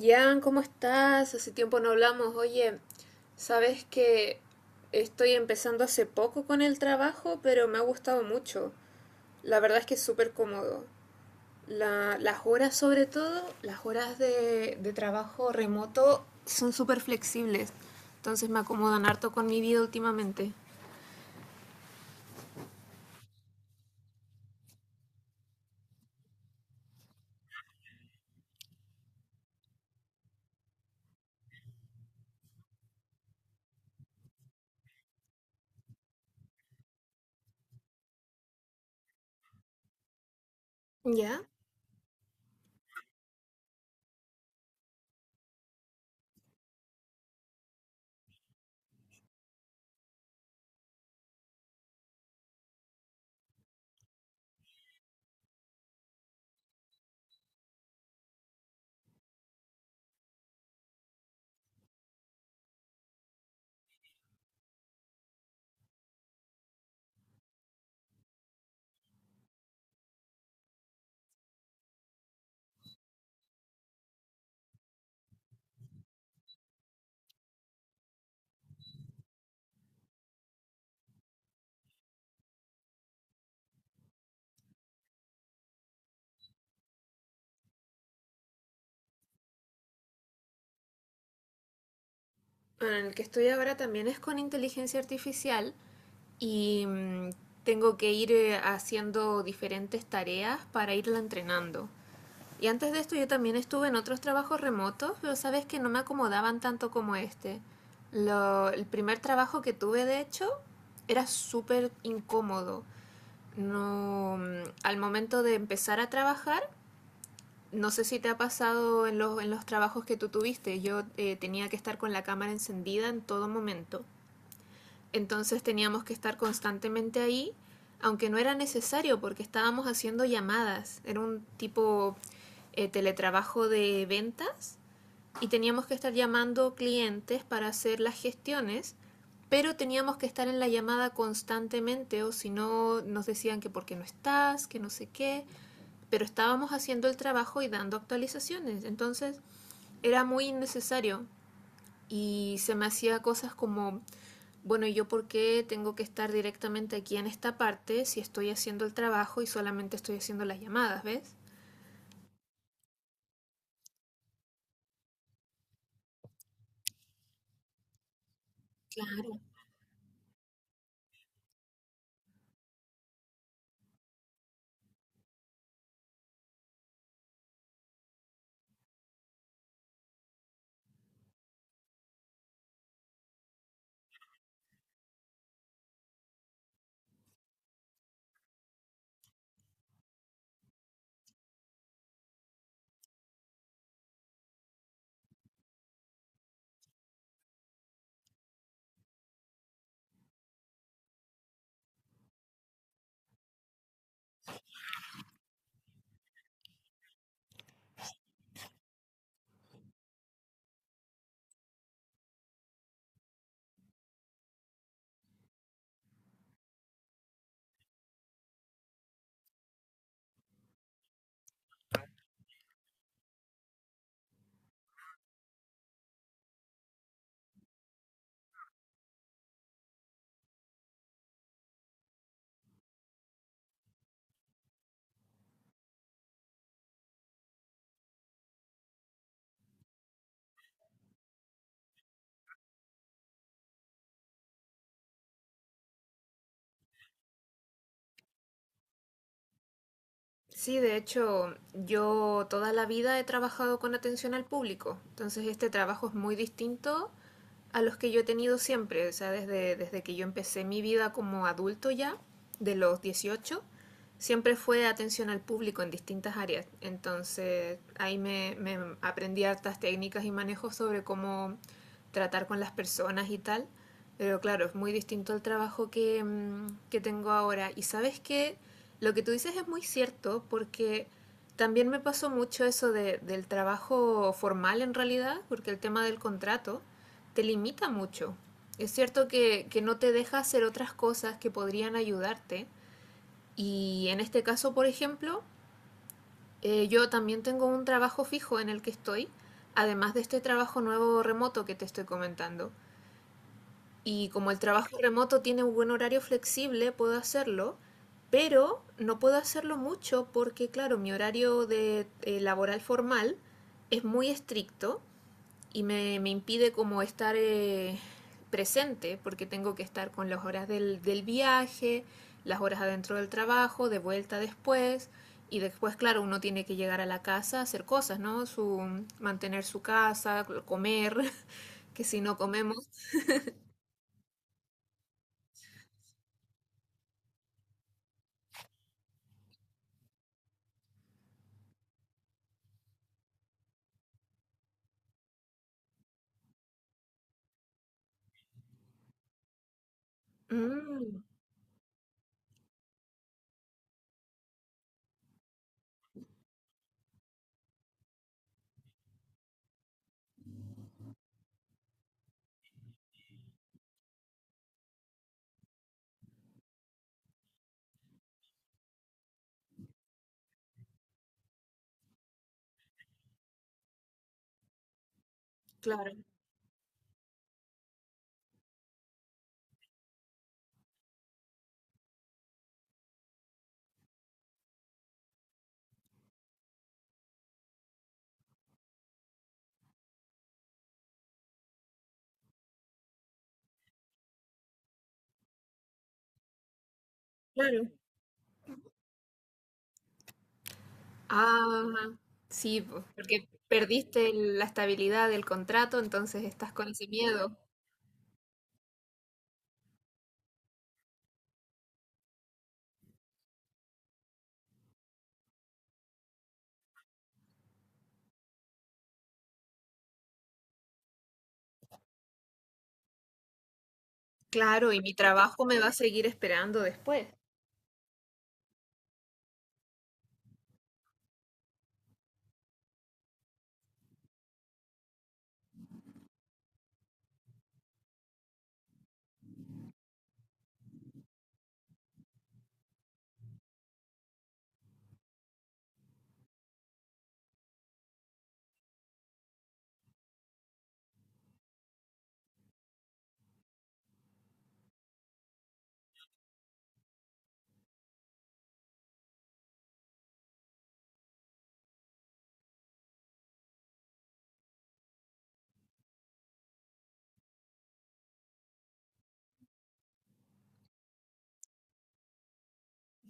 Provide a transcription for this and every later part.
Jan, ¿cómo estás? Hace tiempo no hablamos. Oye, sabes que estoy empezando hace poco con el trabajo, pero me ha gustado mucho. La verdad es que es súper cómodo. Las horas, sobre todo, las horas de trabajo remoto son súper flexibles. Entonces me acomodan harto con mi vida últimamente. ¿Ya? Bueno, en el que estoy ahora también es con inteligencia artificial y tengo que ir haciendo diferentes tareas para irla entrenando. Y antes de esto yo también estuve en otros trabajos remotos, pero sabes que no me acomodaban tanto como este. El primer trabajo que tuve, de hecho, era súper incómodo. No, al momento de empezar a trabajar, no sé si te ha pasado en en los trabajos que tú tuviste. Yo tenía que estar con la cámara encendida en todo momento. Entonces teníamos que estar constantemente ahí, aunque no era necesario porque estábamos haciendo llamadas. Era un tipo teletrabajo de ventas y teníamos que estar llamando clientes para hacer las gestiones, pero teníamos que estar en la llamada constantemente o si no nos decían que por qué no estás, que no sé qué, pero estábamos haciendo el trabajo y dando actualizaciones. Entonces era muy innecesario y se me hacía cosas como, bueno, ¿yo por qué tengo que estar directamente aquí en esta parte si estoy haciendo el trabajo y solamente estoy haciendo las llamadas? ¿Ves? Sí, de hecho, yo toda la vida he trabajado con atención al público, entonces este trabajo es muy distinto a los que yo he tenido siempre. O sea, desde que yo empecé mi vida como adulto ya, de los 18, siempre fue atención al público en distintas áreas. Entonces ahí me aprendí hartas técnicas y manejos sobre cómo tratar con las personas y tal, pero claro, es muy distinto al trabajo que, que tengo ahora. Y sabes qué, lo que tú dices es muy cierto, porque también me pasó mucho eso del trabajo formal en realidad, porque el tema del contrato te limita mucho. Es cierto que no te deja hacer otras cosas que podrían ayudarte. Y en este caso, por ejemplo, yo también tengo un trabajo fijo en el que estoy, además de este trabajo nuevo remoto que te estoy comentando. Y como el trabajo remoto tiene un buen horario flexible, puedo hacerlo, pero no puedo hacerlo mucho porque, claro, mi horario de, laboral formal es muy estricto y me impide como estar presente, porque tengo que estar con las horas del viaje, las horas adentro del trabajo, de vuelta después. Y después, claro, uno tiene que llegar a la casa a hacer cosas, ¿no? Su, mantener su casa, comer, que si no comemos... Mm, claro. Ah, sí, po, porque perdiste la estabilidad del contrato, entonces estás con ese miedo. Claro, y mi trabajo me va a seguir esperando después.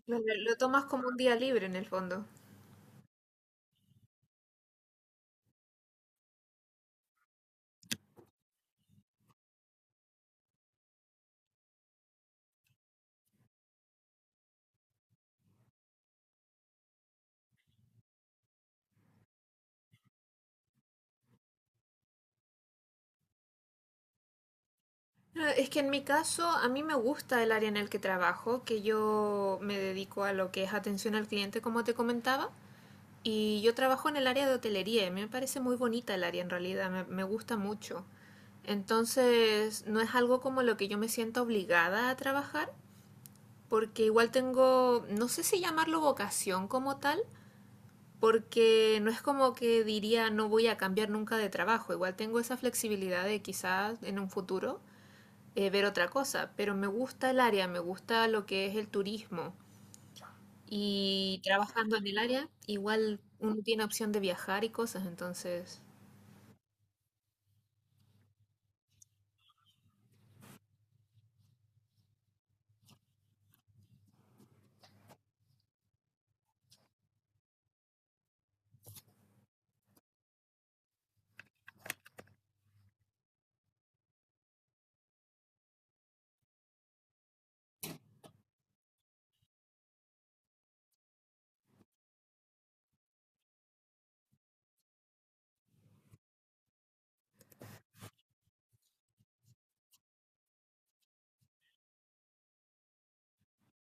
Lo tomas como un día libre en el fondo. Ah, es que en mi caso, a mí me gusta el área en el que trabajo, que yo me dedico a lo que es atención al cliente, como te comentaba, y yo trabajo en el área de hotelería, y me parece muy bonita el área en realidad, me gusta mucho. Entonces, no es algo como lo que yo me siento obligada a trabajar, porque igual tengo, no sé si llamarlo vocación como tal, porque no es como que diría no voy a cambiar nunca de trabajo. Igual tengo esa flexibilidad de quizás en un futuro ver otra cosa, pero me gusta el área, me gusta lo que es el turismo y trabajando en el área igual uno tiene opción de viajar y cosas, entonces...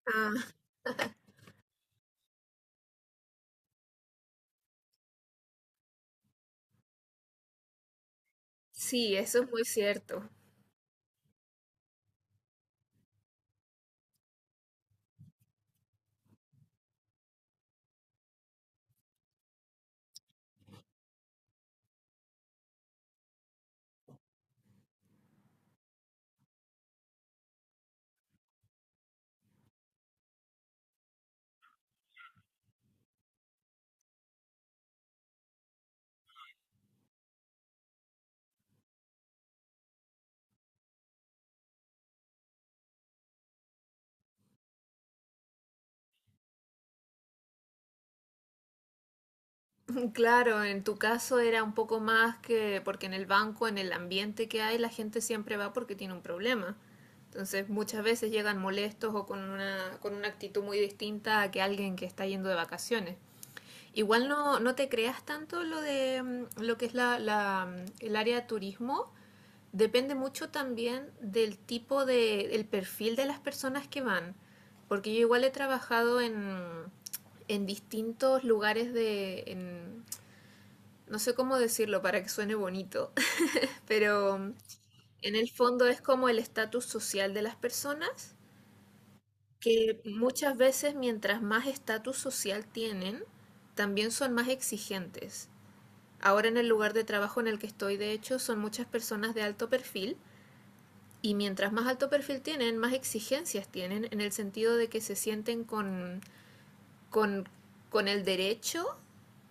Ah, sí, eso es muy cierto. Claro, en tu caso era un poco más, que porque en el banco, en el ambiente que hay, la gente siempre va porque tiene un problema. Entonces, muchas veces llegan molestos o con una actitud muy distinta a que alguien que está yendo de vacaciones. Igual no, no te creas tanto lo de lo que es el área de turismo. Depende mucho también del tipo de, el perfil de las personas que van. Porque yo igual he trabajado en distintos lugares de, en, no sé cómo decirlo para que suene bonito, pero en el fondo es como el estatus social de las personas, que muchas veces mientras más estatus social tienen, también son más exigentes. Ahora en el lugar de trabajo en el que estoy, de hecho, son muchas personas de alto perfil y mientras más alto perfil tienen, más exigencias tienen en el sentido de que se sienten con, con el derecho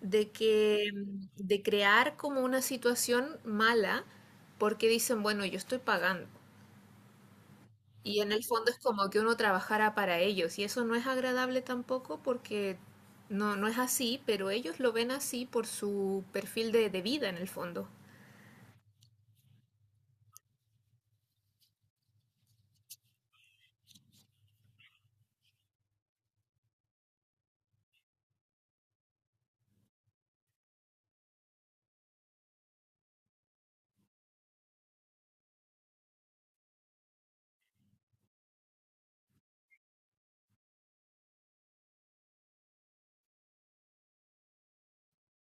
de que de crear como una situación mala porque dicen, bueno, yo estoy pagando. Y en el fondo es como que uno trabajara para ellos y eso no es agradable tampoco, porque no, no es así, pero ellos lo ven así por su perfil de vida en el fondo.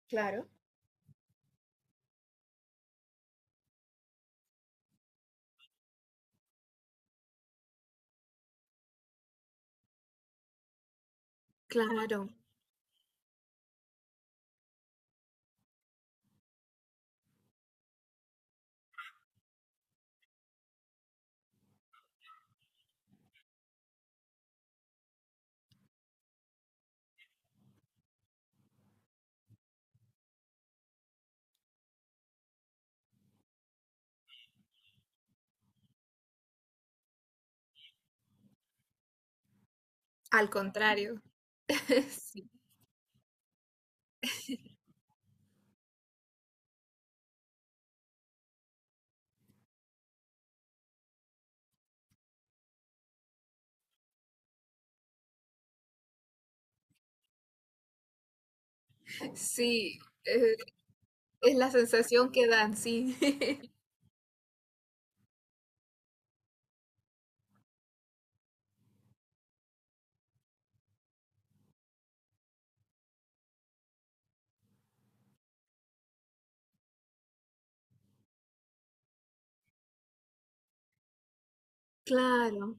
Claro. Claro, al contrario. Sí, sí, es la sensación que dan, sí. Claro.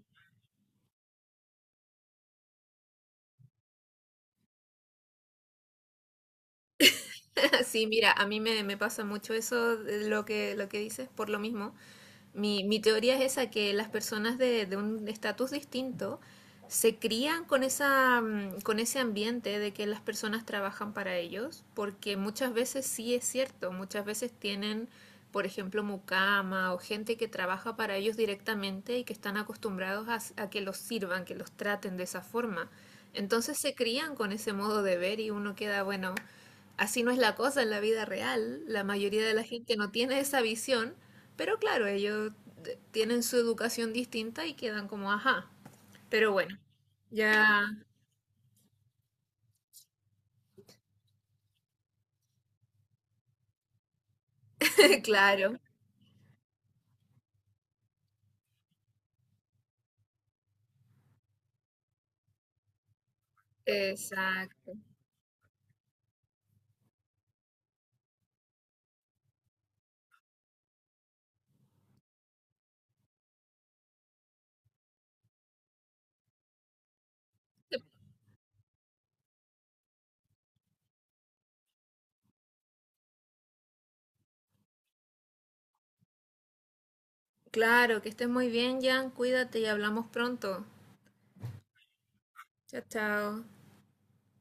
Sí, mira, a mí me pasa mucho eso, de lo que dices, por lo mismo. Mi teoría es esa, que las personas de un estatus distinto se crían con esa, con ese ambiente de que las personas trabajan para ellos, porque muchas veces sí es cierto, muchas veces tienen, por ejemplo, mucama o gente que trabaja para ellos directamente y que están acostumbrados a, s- a que los sirvan, que los traten de esa forma. Entonces se crían con ese modo de ver y uno queda, bueno, así no es la cosa en la vida real. La mayoría de la gente no tiene esa visión, pero claro, ellos de- tienen su educación distinta y quedan como, ajá. Pero bueno, ya, claro, exacto. Claro, que estés muy bien, Jan. Cuídate y hablamos pronto. Chao, chao.